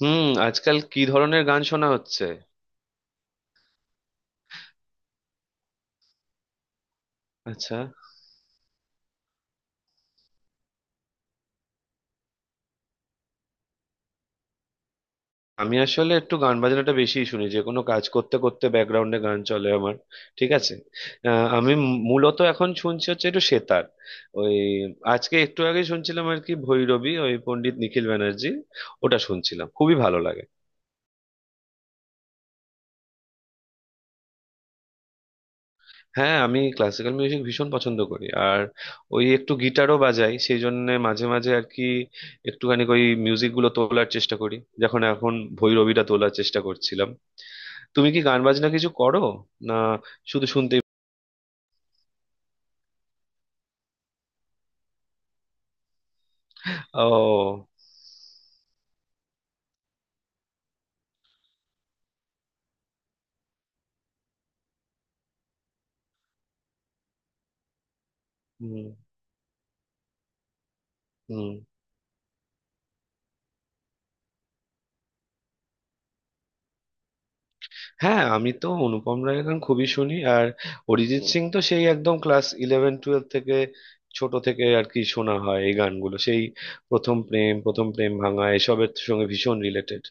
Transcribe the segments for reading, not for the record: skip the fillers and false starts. হুম। আজকাল কি ধরনের গান শোনা হচ্ছে? আচ্ছা, আমি আসলে একটু গান বাজনাটা বেশিই শুনি, যে কোনো কাজ করতে করতে ব্যাকগ্রাউন্ডে গান চলে আমার। ঠিক আছে। আমি মূলত এখন শুনছি হচ্ছে একটু সেতার। ওই আজকে একটু আগে শুনছিলাম আর কি ভৈরবী, ওই পণ্ডিত নিখিল ব্যানার্জি। ওটা শুনছিলাম, খুবই ভালো লাগে। হ্যাঁ, আমি ক্লাসিক্যাল মিউজিক ভীষণ পছন্দ করি। আর ওই একটু গিটারও বাজাই সেই জন্য মাঝে মাঝে আর কি একটুখানি ওই মিউজিক গুলো তোলার চেষ্টা করি। যখন এখন ভৈরবীটা তোলার চেষ্টা করছিলাম। তুমি কি গান বাজনা কিছু করো, না শুধু শুনতেই? ও। হুম। হুম। হ্যাঁ, আমি তো অনুপম রায়ের গান খুবই শুনি। আর অরিজিৎ সিং তো সেই একদম ক্লাস ইলেভেন টুয়েলভ থেকে, ছোট থেকে আর কি শোনা হয় এই গানগুলো। সেই প্রথম প্রেম, প্রথম প্রেম ভাঙা, এসবের সঙ্গে ভীষণ রিলেটেড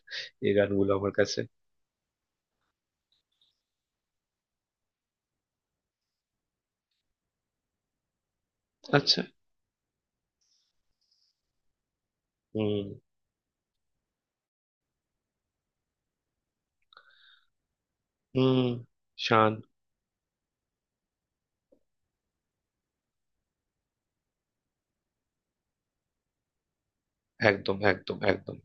এই গানগুলো আমার কাছে। আচ্ছা। হুম। হুম। শান। একদম, একদম, একদম।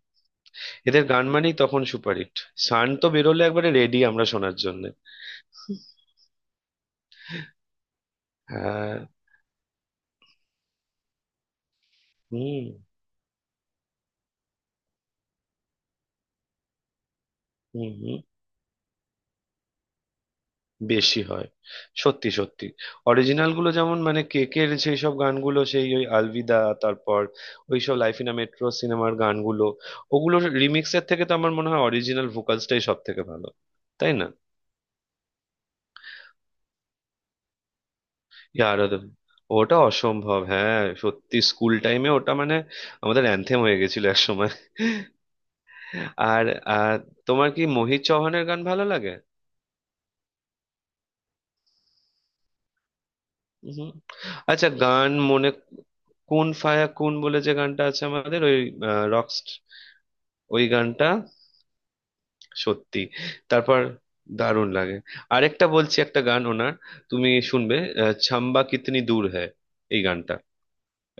এদের গান মানেই তখন সুপারহিট। শান তো বেরোলে একবারে রেডি আমরা শোনার জন্য। হ্যাঁ। হুম। হুম। হুম। বেশি হয়। সত্যি সত্যি। অরিজিনাল গুলো যেমন, মানে কেকের সেই সব গানগুলো, সেই ওই আলভিদা, তারপর ওই সব লাইফ ইন মেট্রো সিনেমার গানগুলো, ওগুলো রিমিক্সের থেকে তো আমার মনে হয় অরিজিনাল ভোকালসটাই সব থেকে ভালো। তাই না? ইয়ার। ওটা অসম্ভব, হ্যাঁ সত্যি। স্কুল টাইমে ওটা মানে আমাদের অ্যানথেম হয়ে গেছিল এক সময়। আর আর তোমার কি মোহিত চৌহানের গান ভালো লাগে? হুম। আচ্ছা, গান মনে কোন ফায়া কোন বলে যে গানটা আছে আমাদের ওই রক্স, ওই গানটা। সত্যি। তারপর দারুণ লাগে। আরেকটা বলছি একটা গান ওনার, তুমি শুনবে। ছাম্বা কিতনি দূর হ্যায়, এই গানটা।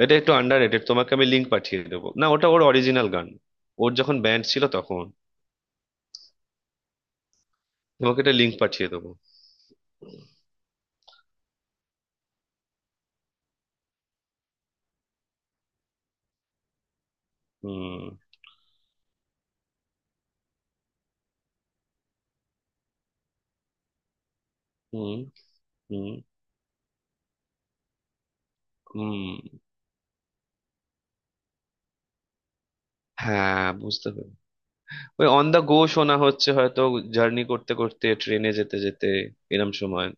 এটা একটু আন্ডার রেটেড, তোমাকে আমি লিঙ্ক পাঠিয়ে দেবো না? ওটা ওর অরিজিনাল গান, ওর যখন ব্যান্ড ছিল তখন। তোমাকে এটা লিঙ্ক পাঠিয়ে দেবো। হুম। হুম। হুম। হুম। হ্যাঁ, বুঝতে পেরেছি। ওই অন দা গো শোনা হচ্ছে হয়তো, জার্নি করতে করতে, ট্রেনে যেতে যেতে, এরম সময়,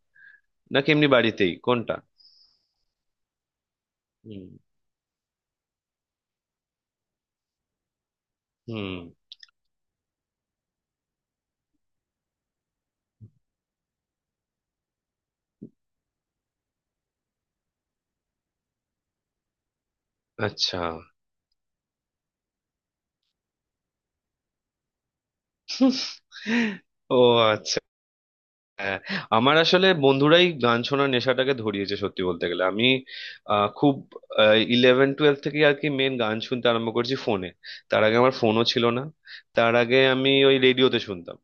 নাকি এমনি বাড়িতেই কোনটা? হুম। হুম। আচ্ছা। ও, আচ্ছা। হ্যাঁ। আমার আসলে বন্ধুরাই গান শোনার নেশাটাকে ধরিয়েছে, সত্যি বলতে গেলে। আমি খুব ইলেভেন টুয়েলভ থেকে আর কি মেন গান শুনতে আরম্ভ করেছি ফোনে। তার আগে আমার ফোনও ছিল না, তার আগে আমি ওই রেডিওতে শুনতাম।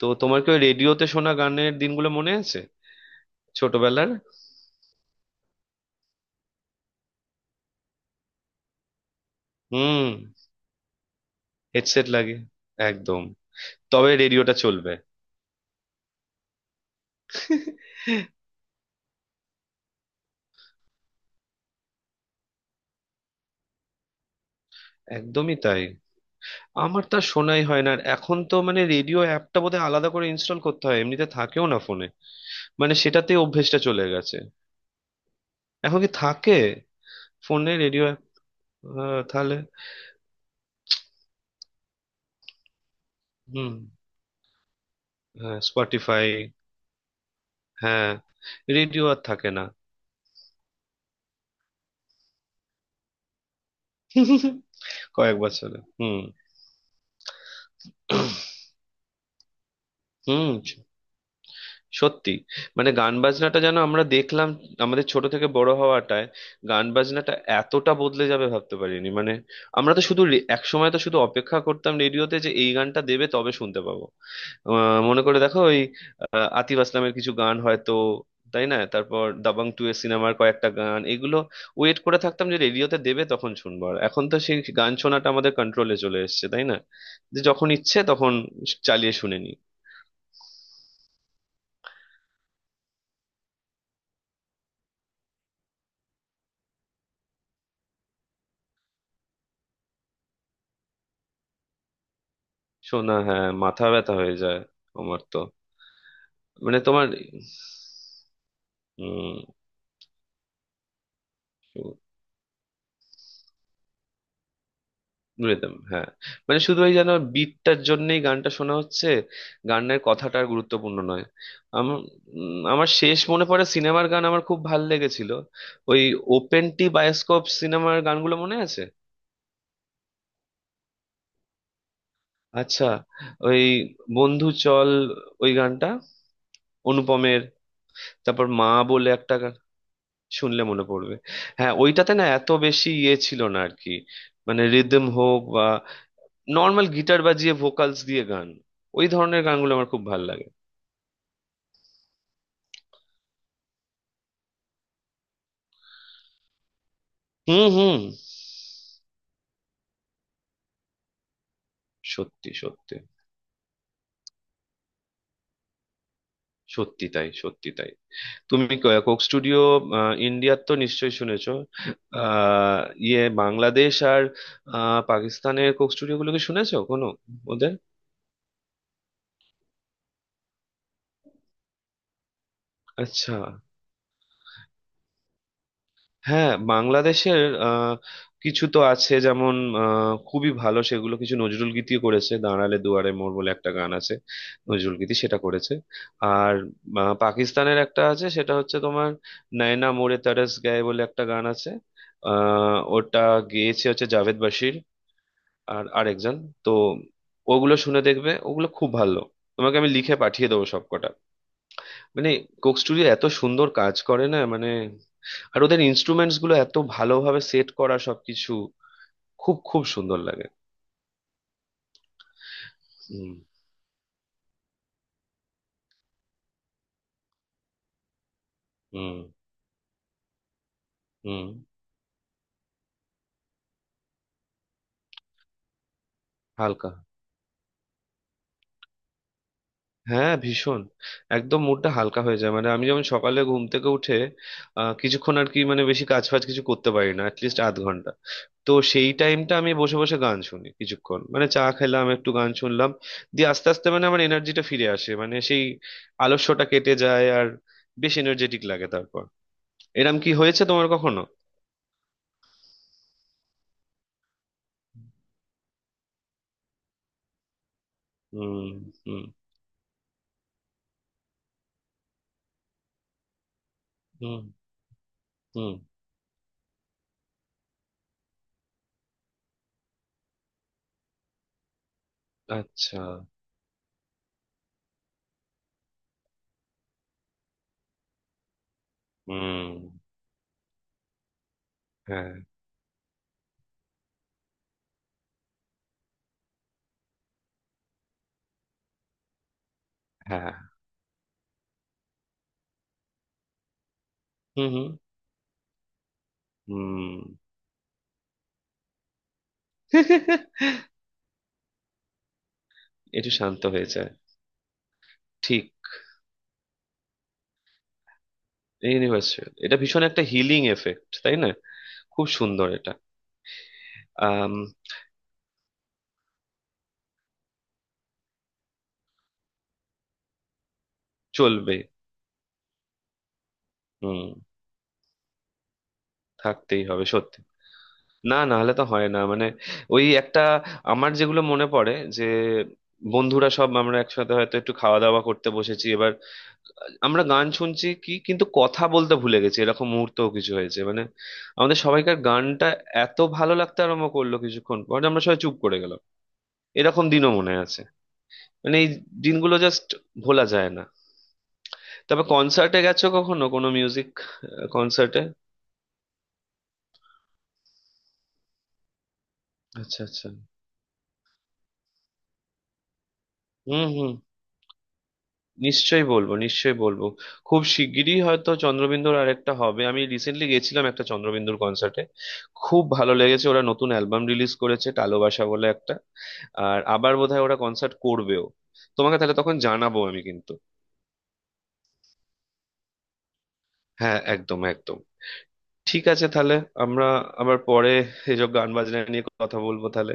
তো তোমার কি ওই রেডিওতে শোনা গানের দিনগুলো মনে আছে, ছোটবেলার? হুম। হেডসেট লাগে। একদম। তবে রেডিওটা চলবে। একদমই তাই। আমার তা শোনাই হয় না আর। এখন তো মানে রেডিও অ্যাপটা বোধহয় আলাদা করে ইনস্টল করতে হয়, এমনিতে থাকেও না ফোনে। মানে সেটাতে অভ্যেসটা চলে গেছে। এখন কি থাকে ফোনে রেডিও অ্যাপ? তাহলে হুম। হ্যাঁ স্পটিফাই। হ্যাঁ। রেডিও আর থাকে না। কয়েক বছরে, হুম। হুম। সত্যি। মানে গান বাজনাটা যেন আমরা দেখলাম, আমাদের ছোট থেকে বড় হওয়াটায় গান বাজনাটা এতটা বদলে যাবে ভাবতে পারিনি মানে। আমরা তো শুধু এক সময় তো শুধু অপেক্ষা করতাম রেডিওতে যে এই গানটা দেবে তবে শুনতে পাবো। মনে করে দেখো ওই আতিফ আসলামের কিছু গান হয়তো। তাই না? তারপর দাবাং টু এর সিনেমার কয়েকটা গান, এগুলো ওয়েট করে থাকতাম যে রেডিওতে দেবে তখন শুনবো। আর এখন তো সেই গান শোনাটা আমাদের কন্ট্রোলে চলে এসেছে, তাই না? যে যখন ইচ্ছে তখন চালিয়ে শুনে নি। শোনা, হ্যাঁ মাথা ব্যথা হয়ে যায় আমার তো, মানে তোমার। হুম। রিদম, হ্যাঁ। মানে শুধু ওই যেন বিটটার জন্যই গানটা শোনা হচ্ছে, গানের কথাটা আর গুরুত্বপূর্ণ নয়। আমার আমার শেষ মনে পড়ে সিনেমার গান আমার খুব ভাল লেগেছিল, ওই ওপেন টি বায়োস্কোপ সিনেমার গানগুলো মনে আছে? আচ্ছা, ওই বন্ধু চল, ওই গানটা, অনুপমের। তারপর মা বলে একটা, শুনলে মনে পড়বে। হ্যাঁ, ওইটাতে না এত বেশি ইয়ে ছিল না আর কি, মানে রিদম হোক বা। নর্মাল গিটার বাজিয়ে ভোকালস দিয়ে গান, ওই ধরনের গানগুলো আমার খুব ভালো লাগে। হুম। হুম। সত্যি সত্যি। সত্যি তাই, সত্যি তাই। তুমি কোক স্টুডিও ইন্ডিয়ার তো নিশ্চয়ই শুনেছো। আহ, ইয়ে বাংলাদেশ আর পাকিস্তানের কোক স্টুডিও গুলোকে শুনেছো কোনো, ওদের? আচ্ছা। হ্যাঁ, বাংলাদেশের আহ, কিছু তো আছে যেমন, খুবই ভালো। সেগুলো কিছু নজরুল গীতিও করেছে, দাঁড়ালে দুয়ারে মোর বলে একটা গান আছে, নজরুল গীতি সেটা করেছে। আর পাকিস্তানের একটা আছে, সেটা হচ্ছে তোমার নয়না মোরে তরস গায়ে বলে একটা গান আছে। ওটা গেয়েছে হচ্ছে জাভেদ বাশির আর আরেকজন। তো ওগুলো শুনে দেখবে, ওগুলো খুব ভালো। তোমাকে আমি লিখে পাঠিয়ে দেবো সবকটা। মানে কোক স্টুডিও এত সুন্দর কাজ করে না, মানে আর ওদের ইনস্ট্রুমেন্টস গুলো এত ভালোভাবে সেট করা সবকিছু, খুব খুব সুন্দর লাগে। হুম। হুম। হুম। হালকা। হ্যাঁ ভীষণ। একদম মুডটা হালকা হয়ে যায়। মানে আমি যেমন সকালে ঘুম থেকে উঠে কিছুক্ষণ আর কি মানে বেশি কাজ ফাজ কিছু করতে পারি না, অ্যাটলিস্ট আধ ঘন্টা। তো সেই টাইমটা আমি বসে বসে গান শুনি কিছুক্ষণ, মানে চা খেলাম একটু গান শুনলাম, দিয়ে আস্তে আস্তে মানে আমার এনার্জিটা ফিরে আসে, মানে সেই আলস্যটা কেটে যায় আর বেশ এনার্জেটিক লাগে তারপর। এরম কি হয়েছে তোমার কখনো? হুম। হুম। হুম। হুম। আচ্ছা। হুম। হ্যাঁ। হ্যাঁ। হুম। হুম। হুম। একটু শান্ত হয়ে যায়। ঠিক, ইউনিভার্সাল। এটা ভীষণ একটা হিলিং এফেক্ট, তাই না? খুব সুন্দর এটা। আম, চলবে। হুম। থাকতেই হবে, সত্যি। না না হলে তো হয় না মানে। ওই একটা আমার যেগুলো মনে পড়ে যে বন্ধুরা সব আমরা একসাথে হয়তো একটু খাওয়া দাওয়া করতে বসেছি, এবার আমরা গান শুনছি কি কিন্তু কথা বলতে ভুলে গেছি, এরকম মুহূর্তও কিছু হয়েছে। মানে আমাদের সবাইকার গানটা এত ভালো লাগতে আরম্ভ করলো কিছুক্ষণ পর যে আমরা সবাই চুপ করে গেলাম, এরকম দিনও মনে আছে। মানে এই দিনগুলো জাস্ট ভোলা যায় না। তবে কনসার্টে গেছো কখনো কোনো মিউজিক কনসার্টে? আচ্ছা আচ্ছা। হুম হুম। নিশ্চয়ই বলবো, নিশ্চয়ই বলবো। খুব শিগগিরই হয়তো চন্দ্রবিন্দুর আরেকটা হবে। আমি রিসেন্টলি গেছিলাম একটা চন্দ্রবিন্দুর কনসার্টে, খুব ভালো লেগেছে। ওরা নতুন অ্যালবাম রিলিজ করেছে, টালোবাসা বলে একটা। আর আবার বোধহয় ওরা কনসার্ট করবেও, তোমাকে তাহলে তখন জানাবো আমি কিন্তু। হ্যাঁ একদম, একদম। ঠিক আছে তাহলে, আমরা আবার পরে এসব গান বাজনা নিয়ে কথা বলবো তাহলে।